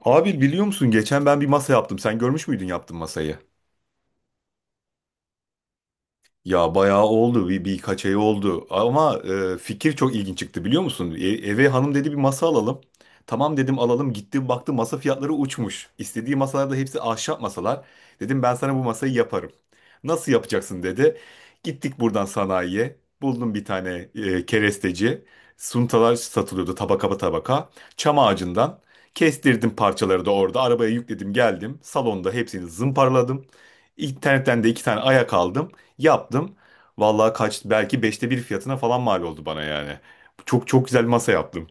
Abi biliyor musun geçen ben bir masa yaptım. Sen görmüş müydün yaptığım masayı? Ya bayağı oldu birkaç ay oldu ama fikir çok ilginç çıktı biliyor musun? Eve hanım dedi bir masa alalım. Tamam dedim alalım, gitti baktı masa fiyatları uçmuş. İstediği masalar da hepsi ahşap masalar. Dedim ben sana bu masayı yaparım. Nasıl yapacaksın dedi. Gittik buradan sanayiye, buldum bir tane keresteci. Suntalar satılıyordu tabaka tabaka. Çam ağacından kestirdim parçaları, da orada arabaya yükledim geldim. Salonda hepsini zımparaladım. İnternetten de iki tane ayak aldım. Yaptım. Vallahi kaç, belki beşte bir fiyatına falan mal oldu bana yani. Çok çok güzel masa yaptım.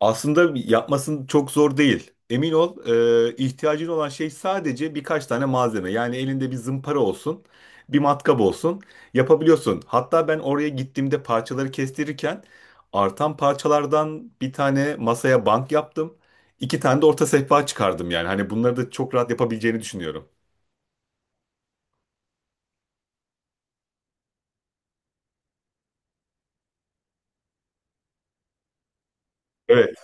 Aslında yapmasın çok zor değil. Emin ol, ihtiyacın olan şey sadece birkaç tane malzeme. Yani elinde bir zımpara olsun, bir matkap olsun. Yapabiliyorsun. Hatta ben oraya gittiğimde parçaları kestirirken artan parçalardan bir tane masaya bank yaptım. İki tane de orta sehpa çıkardım yani. Hani bunları da çok rahat yapabileceğini düşünüyorum. Evet.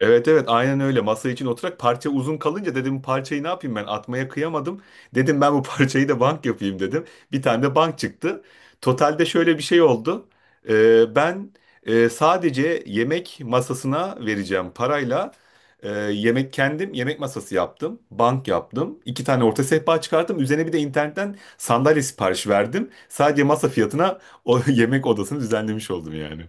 Evet evet, aynen öyle, masa için oturarak parça uzun kalınca dedim bu parçayı ne yapayım, ben atmaya kıyamadım. Dedim ben bu parçayı da bank yapayım dedim. Bir tane de bank çıktı. Totalde şöyle bir şey oldu. Ben sadece yemek masasına vereceğim parayla e, yemek kendim yemek masası yaptım. Bank yaptım. İki tane orta sehpa çıkarttım. Üzerine bir de internetten sandalye sipariş verdim. Sadece masa fiyatına o yemek odasını düzenlemiş oldum yani.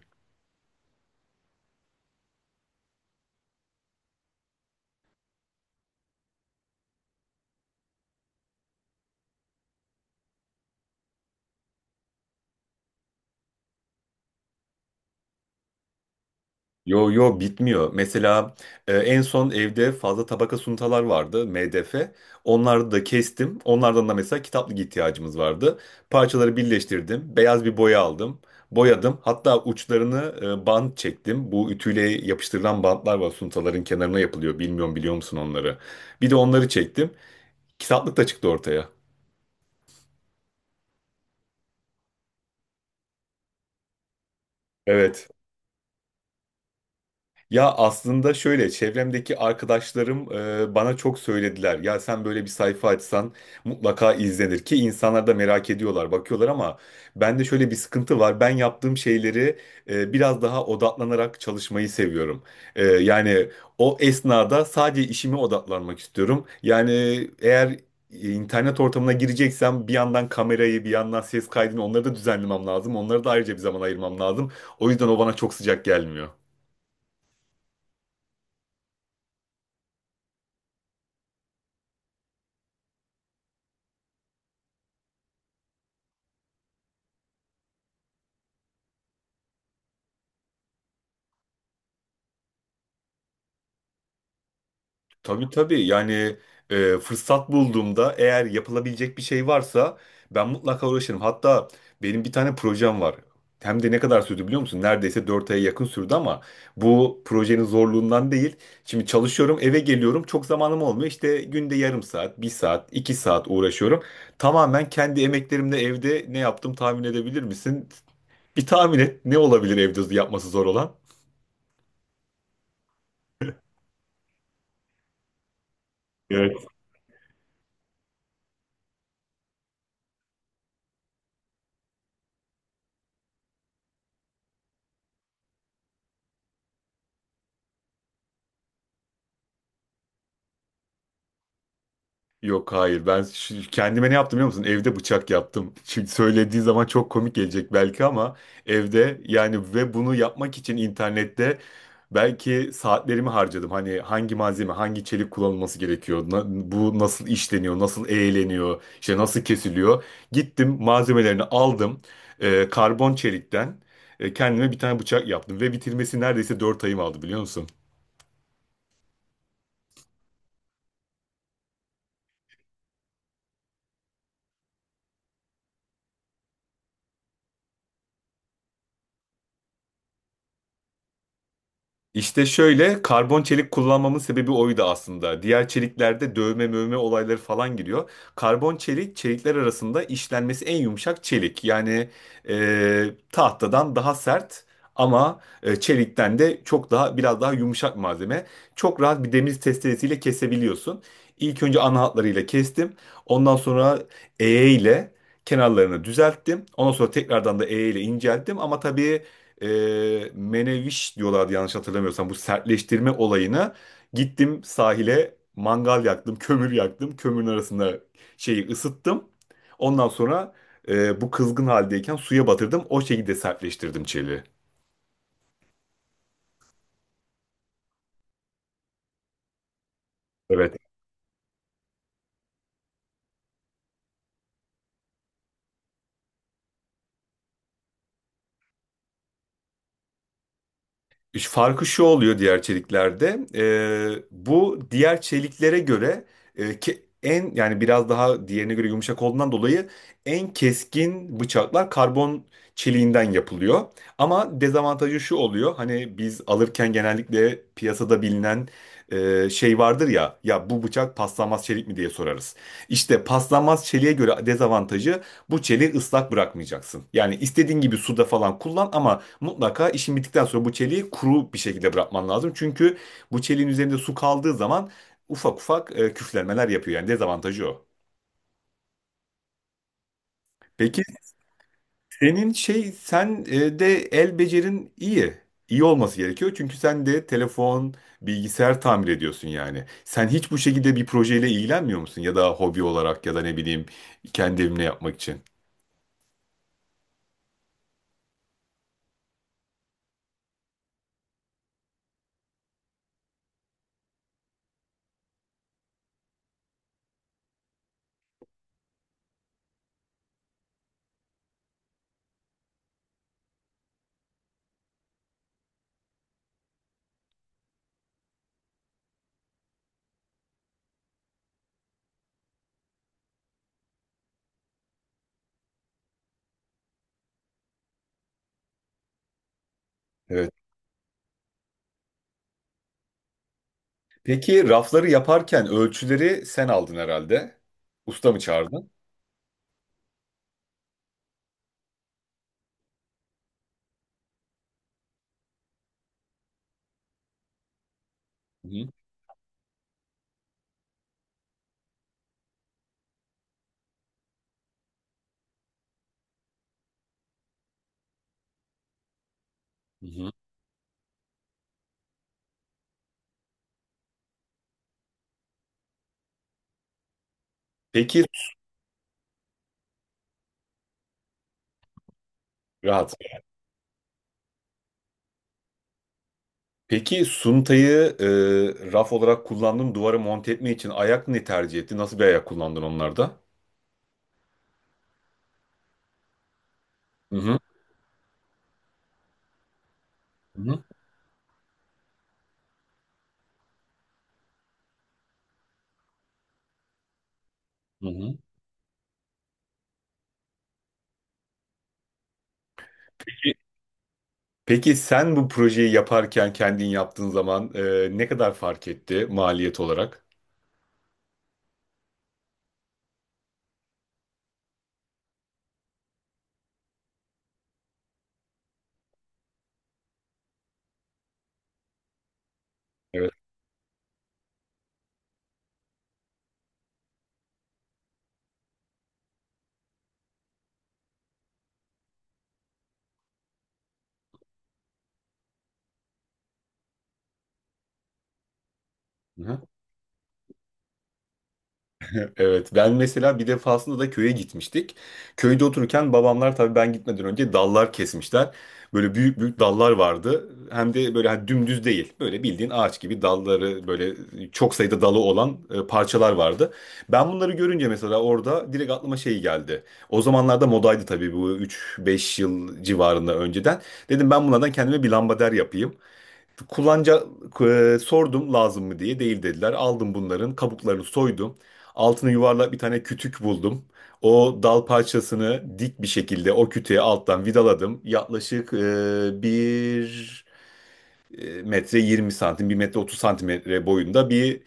Yo yo, bitmiyor. Mesela en son evde fazla tabaka suntalar vardı, MDF. Onları da kestim. Onlardan da mesela kitaplık ihtiyacımız vardı. Parçaları birleştirdim. Beyaz bir boya aldım. Boyadım. Hatta uçlarını bant çektim. Bu ütüyle yapıştırılan bantlar var, suntaların kenarına yapılıyor. Bilmiyorum biliyor musun onları? Bir de onları çektim. Kitaplık da çıktı ortaya. Evet. Ya aslında şöyle, çevremdeki arkadaşlarım bana çok söylediler. Ya sen böyle bir sayfa açsan mutlaka izlenir, ki insanlar da merak ediyorlar, bakıyorlar, ama bende şöyle bir sıkıntı var. Ben yaptığım şeyleri biraz daha odaklanarak çalışmayı seviyorum. Yani o esnada sadece işime odaklanmak istiyorum. Yani eğer internet ortamına gireceksem bir yandan kamerayı, bir yandan ses kaydını, onları da düzenlemem lazım. Onları da ayrıca bir zaman ayırmam lazım. O yüzden o bana çok sıcak gelmiyor. Tabii tabii yani, fırsat bulduğumda eğer yapılabilecek bir şey varsa ben mutlaka uğraşırım. Hatta benim bir tane projem var. Hem de ne kadar sürdü biliyor musun? Neredeyse 4 aya yakın sürdü, ama bu projenin zorluğundan değil. Şimdi çalışıyorum, eve geliyorum, çok zamanım olmuyor. İşte günde yarım saat, bir saat, iki saat uğraşıyorum. Tamamen kendi emeklerimle evde ne yaptım tahmin edebilir misin? Bir tahmin et, ne olabilir evde yapması zor olan? Yok hayır, ben kendime ne yaptım biliyor musun? Evde bıçak yaptım. Şimdi söylediği zaman çok komik gelecek belki, ama evde yani, ve bunu yapmak için internette belki saatlerimi harcadım. Hani hangi malzeme, hangi çelik kullanılması gerekiyor, bu nasıl işleniyor, nasıl eğleniyor, işte nasıl kesiliyor. Gittim malzemelerini aldım, karbon çelikten kendime bir tane bıçak yaptım ve bitirmesi neredeyse 4 ayım aldı biliyor musun? İşte şöyle, karbon çelik kullanmamın sebebi oydu aslında. Diğer çeliklerde dövme mövme olayları falan giriyor. Karbon çelik çelikler arasında işlenmesi en yumuşak çelik. Yani e, tahtadan daha sert, ama çelikten de çok daha, biraz daha yumuşak malzeme. Çok rahat bir demir testeresiyle kesebiliyorsun. İlk önce ana hatlarıyla kestim. Ondan sonra eğe ile kenarlarını düzelttim. Ondan sonra tekrardan da eğe ile incelttim. Ama tabii, meneviş diyorlardı yanlış hatırlamıyorsam bu sertleştirme olayına, gittim sahile, mangal yaktım, kömür yaktım, kömürün arasında şeyi ısıttım, ondan sonra bu kızgın haldeyken suya batırdım, o şekilde sertleştirdim çeliği. Evet. Farkı şu oluyor diğer çeliklerde. Bu diğer çeliklere göre, ki en, yani biraz daha diğerine göre yumuşak olduğundan dolayı, en keskin bıçaklar karbon çeliğinden yapılıyor. Ama dezavantajı şu oluyor. Hani biz alırken genellikle piyasada bilinen şey vardır ya, ya bu bıçak paslanmaz çelik mi diye sorarız. İşte paslanmaz çeliğe göre dezavantajı, bu çeliği ıslak bırakmayacaksın. Yani istediğin gibi suda falan kullan, ama mutlaka işin bittikten sonra bu çeliği kuru bir şekilde bırakman lazım. Çünkü bu çeliğin üzerinde su kaldığı zaman ufak ufak küflenmeler yapıyor. Yani dezavantajı o. Peki senin şey, sen de el becerin iyi. İyi olması gerekiyor. Çünkü sen de telefon, bilgisayar tamir ediyorsun yani. Sen hiç bu şekilde bir projeyle ilgilenmiyor musun? Ya da hobi olarak, ya da ne bileyim kendi evimle yapmak için. Evet. Peki rafları yaparken ölçüleri sen aldın herhalde. Usta mı çağırdın? Hı hı. Hı hı. Peki. Rahat. Peki suntayı raf olarak kullandın, duvara monte etme için ayak ne tercih etti? Nasıl bir ayak kullandın onlarda? Hı hı. Hı hı. Hı hı. Peki peki sen bu projeyi yaparken kendin yaptığın zaman ne kadar fark etti maliyet olarak? Evet. Hı hı. Evet, ben mesela bir defasında da köye gitmiştik. Köyde otururken babamlar, tabii ben gitmeden önce dallar kesmişler. Böyle büyük büyük dallar vardı. Hem de böyle hani dümdüz değil. Böyle bildiğin ağaç gibi dalları, böyle çok sayıda dalı olan parçalar vardı. Ben bunları görünce mesela orada direkt aklıma şey geldi. O zamanlarda modaydı tabii, bu üç beş yıl civarında önceden. Dedim ben bunlardan kendime bir lambader yapayım. Kullanca sordum lazım mı diye, değil dediler. Aldım bunların kabuklarını soydum. Altını yuvarlak bir tane kütük buldum. O dal parçasını dik bir şekilde o kütüğe alttan vidaladım. Yaklaşık bir metre 20 santim, bir metre 30 santimetre boyunda bir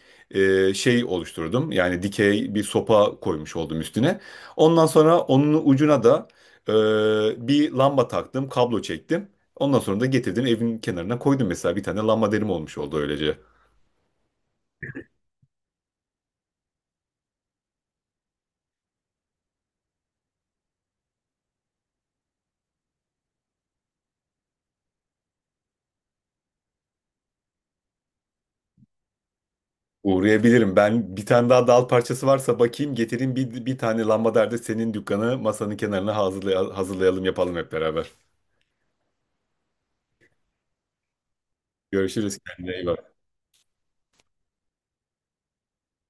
şey oluşturdum. Yani dikey bir sopa koymuş oldum üstüne. Ondan sonra onun ucuna da bir lamba taktım, kablo çektim. Ondan sonra da getirdim evin kenarına koydum, mesela bir tane lamba derim, olmuş oldu öylece. Uğrayabilirim. Ben bir tane daha dal parçası varsa bakayım getireyim, bir tane lambader de senin dükkanı masanın kenarına hazırlayalım, yapalım hep beraber. Görüşürüz, kendine iyi bak.